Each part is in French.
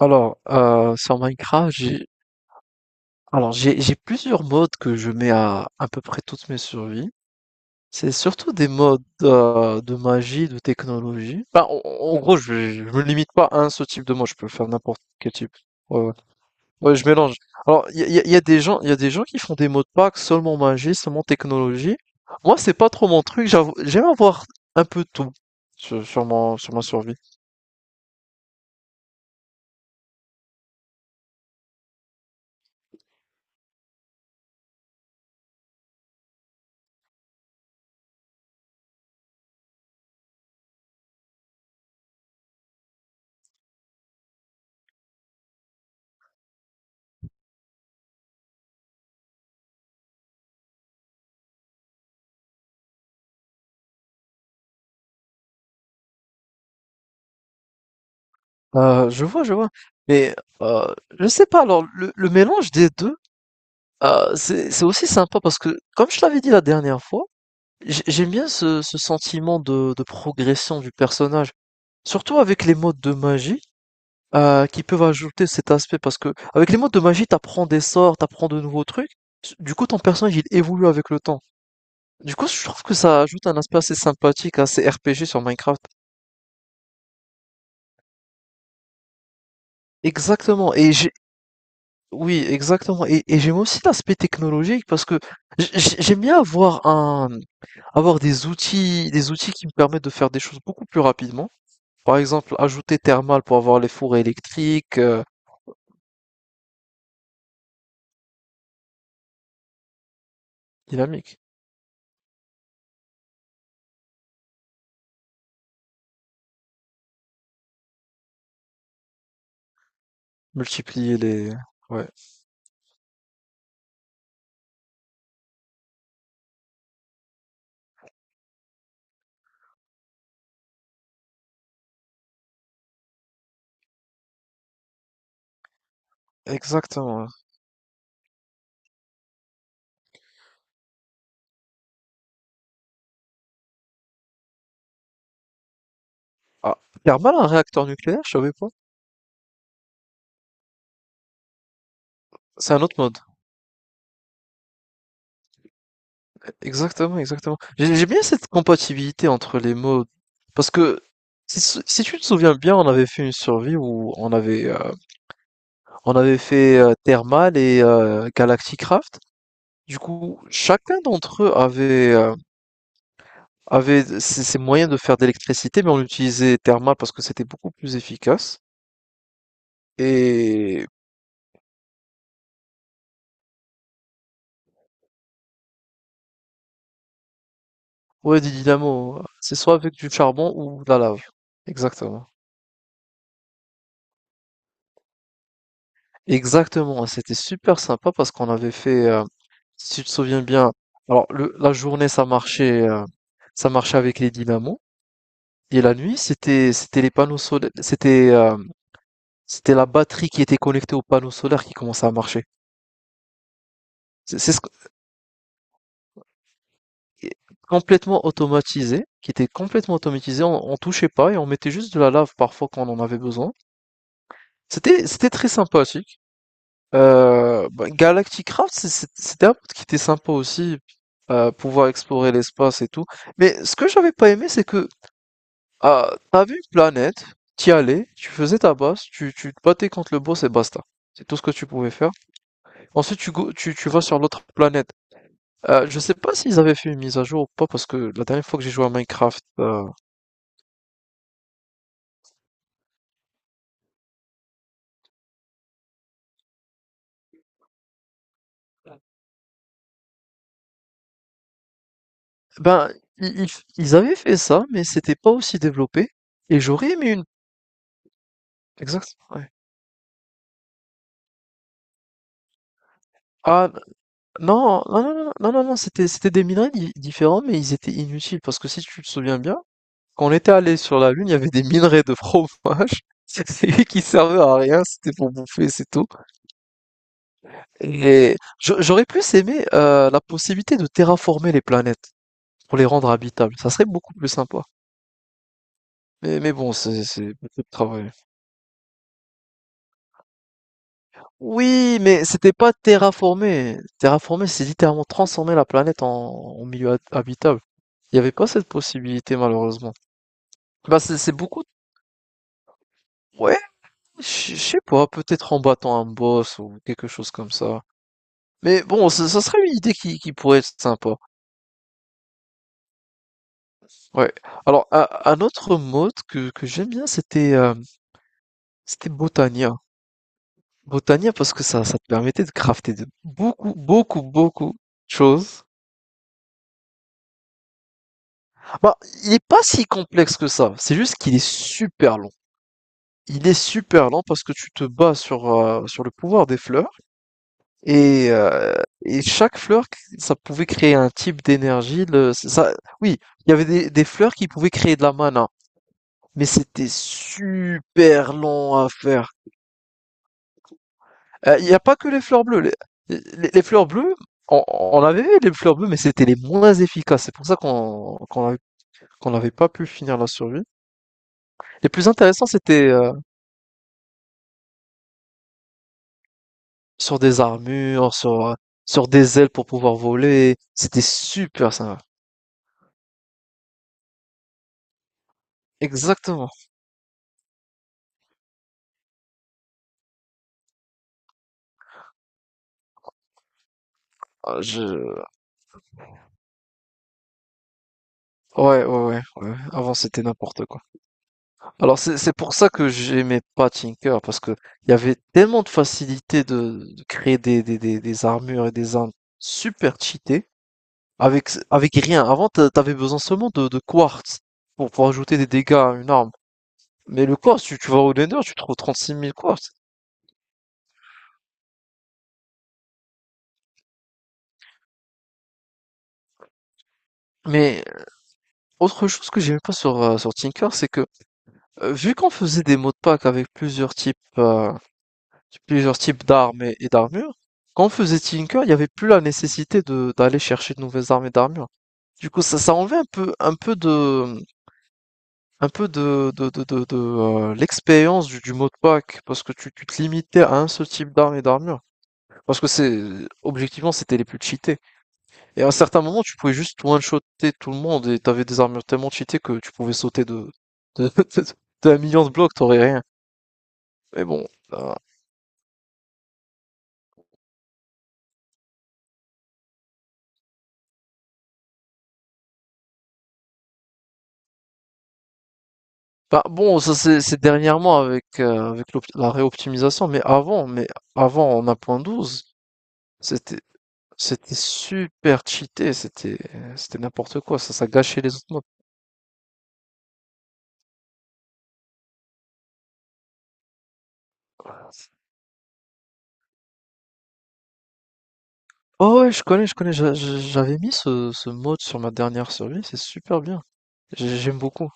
Alors, sur Minecraft, j'ai alors j'ai plusieurs modes que je mets à peu près toutes mes survies. C'est surtout des modes de magie, de technologie. Enfin, en gros, je me limite pas à un seul type de mode. Je peux faire n'importe quel type. Ouais, ouais. Ouais, je mélange. Alors, il y a, y a- y a des gens, il y a des gens qui font des modes pack seulement magie, seulement technologie. Moi, c'est pas trop mon truc. J'aime avoir un peu tout sur ma survie. Je vois, je vois. Mais euh, je sais pas. Alors, le mélange des deux. C'est aussi sympa parce que, comme je l'avais dit la dernière fois, j'aime bien ce sentiment de progression du personnage. Surtout avec les modes de magie, qui peuvent ajouter cet aspect parce que avec les modes de magie, t'apprends des sorts, t'apprends de nouveaux trucs. Du coup, ton personnage, il évolue avec le temps. Du coup, je trouve que ça ajoute un aspect assez sympathique à ces RPG sur Minecraft. Exactement et j'ai Oui, exactement, et j'aime aussi l'aspect technologique parce que j'aime bien avoir des outils qui me permettent de faire des choses beaucoup plus rapidement. Par exemple, ajouter thermal pour avoir les fours électriques, dynamique. Multiplier les... Ouais, exactement. Ouais. Ah, thermal, un réacteur nucléaire, je savais pas. C'est un autre mode. Exactement, exactement. J'aime bien cette compatibilité entre les modes. Parce que, si, si tu te souviens bien, on avait fait une survie où on avait fait Thermal et Galacticraft. Du coup, chacun d'entre eux avait ces moyens de faire de l'électricité, mais on l'utilisait thermal parce que c'était beaucoup plus efficace. Et ouais, dit Dynamo, c'est soit avec du charbon ou de la lave. Exactement. Exactement. C'était super sympa parce qu'on avait si tu te souviens bien, alors la journée ça ça marchait avec les dynamos. Et la nuit, c'était les panneaux solaires, c'était la batterie qui était connectée aux panneaux solaires qui commençait à marcher. C'est ce, Et complètement automatisé, qui était complètement automatisé, on touchait pas et on mettait juste de la lave parfois quand on en avait besoin. C'était très sympathique. Bah, Galactic Craft, c'était un mode qui était sympa aussi, pouvoir explorer l'espace et tout. Mais ce que j'avais pas aimé, c'est que t'avais une planète, t'y allais, tu faisais ta base, tu te battais contre le boss et basta. C'est tout ce que tu pouvais faire. Ensuite, tu vas sur l'autre planète. Je sais pas s'ils avaient fait une mise à jour ou pas, parce que la dernière fois que j'ai joué à Minecraft. Ben, i ils ils avaient fait ça, mais c'était pas aussi développé et j'aurais aimé une exact, ouais. Ah non, non, non, non, non, non, non, c'était des minerais di différents, mais ils étaient inutiles parce que si tu te souviens bien, quand on était allés sur la Lune, il y avait des minerais de fromage C'est qui servaient à rien, c'était pour bouffer, c'est tout. Et j'aurais plus aimé, la possibilité de terraformer les planètes pour les rendre habitables, ça serait beaucoup plus sympa. Mais bon, c'est beaucoup de travail. Oui, mais c'était pas terraformer. Terraformer, c'est littéralement transformer la planète en milieu habitable. Il n'y avait pas cette possibilité, malheureusement. Bah, c'est beaucoup. Ouais, je sais pas, peut-être en battant un boss ou quelque chose comme ça. Mais bon, ça serait une idée qui pourrait être sympa. Ouais. Alors, un autre mode que j'aime bien, c'était Botania. Botania parce que ça te permettait de crafter de beaucoup, beaucoup, beaucoup de choses. Bah, il est pas si complexe que ça, c'est juste qu'il est super long. Il est super lent parce que tu te bats sur le pouvoir des fleurs et, euh, et chaque fleur, ça pouvait créer un type d'énergie. Ça, oui, il y avait des fleurs qui pouvaient créer de la mana, mais c'était super long à faire. Il n'y a pas que les fleurs bleues. Les fleurs bleues, on avait vu les fleurs bleues, mais c'était les moins efficaces. C'est pour ça qu'on n'avait pas pu finir la survie. Les plus intéressants, c'était sur des armures, sur des ailes pour pouvoir voler. C'était super ça. Exactement. Ah, je... Ouais, ouais, ouais, ouais. Avant, c'était n'importe quoi. Alors, c'est pour ça que j'aimais pas Tinker, parce que il y avait tellement de facilité de créer des armures et des armes super cheatées, avec rien. Avant, t'avais besoin seulement de quartz pour ajouter des dégâts à une arme. Mais le quartz, tu vas au Nether, tu trouves 36 000 quartz. Mais autre chose que j'aimais pas sur Tinker, c'est que vu qu'on faisait des mots de pack avec plusieurs plusieurs types d'armes et d'armures, quand on faisait Tinker, il n'y avait plus la nécessité de d'aller chercher de nouvelles armes et d'armures. Du coup, ça enlevait un peu de, de, l'expérience du mot de pack, parce que tu te limitais à un seul type d'arme et d'armure. Parce que c'est, objectivement, c'était les plus cheatés. Et à un certain moment, tu pouvais juste one-shotter tout le monde et t'avais des armures tellement cheatées que tu pouvais sauter de, de, d'un million de blocs, t'aurais rien. Mais bon, euh, bah bon, ça c'est dernièrement avec la réoptimisation, mais avant en 1.12, c'était c'était super cheaté, c'était n'importe quoi, ça gâchait les autres modes. Oh ouais, je connais, j'avais mis ce mode sur ma dernière survie, c'est super bien. J'aime beaucoup.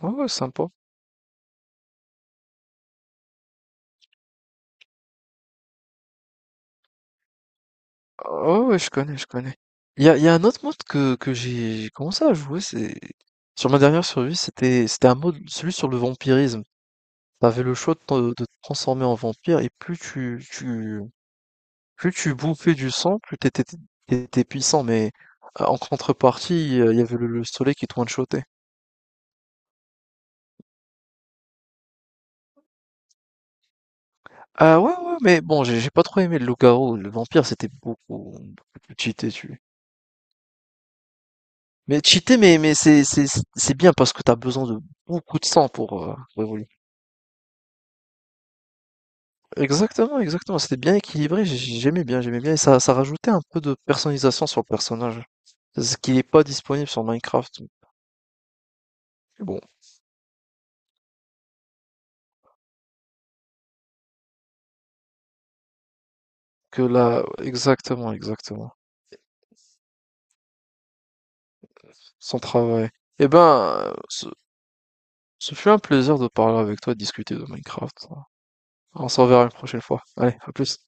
Ouais, ouais, sympa. Oh ouais, je connais, je connais. Il y a un autre mode que j'ai commencé à jouer, c'est sur ma dernière survie, c'était un mode, celui sur le vampirisme. T'avais le choix de te transformer en vampire et plus tu bouffais du sang, plus t'étais puissant, mais en contrepartie, il y avait le soleil qui te one-shotait. Ah ouais, ouais, ouais, mais bon, j'ai pas trop aimé le loup-garou. Le vampire, c'était beaucoup, beaucoup plus cheaté, tu. Mais cheaté, mais c'est bien parce que t'as besoin de beaucoup de sang pour évoluer. Exactement, exactement. C'était bien équilibré, j'aimais bien, j'aimais bien. Et ça rajoutait un peu de personnalisation sur le personnage. Ce qui n'est pas disponible sur Minecraft. Mais bon. Que là, exactement, exactement, son travail. Eh ben, ce fut un plaisir de parler avec toi, de discuter de Minecraft. On s'en verra une prochaine fois. Allez, à plus.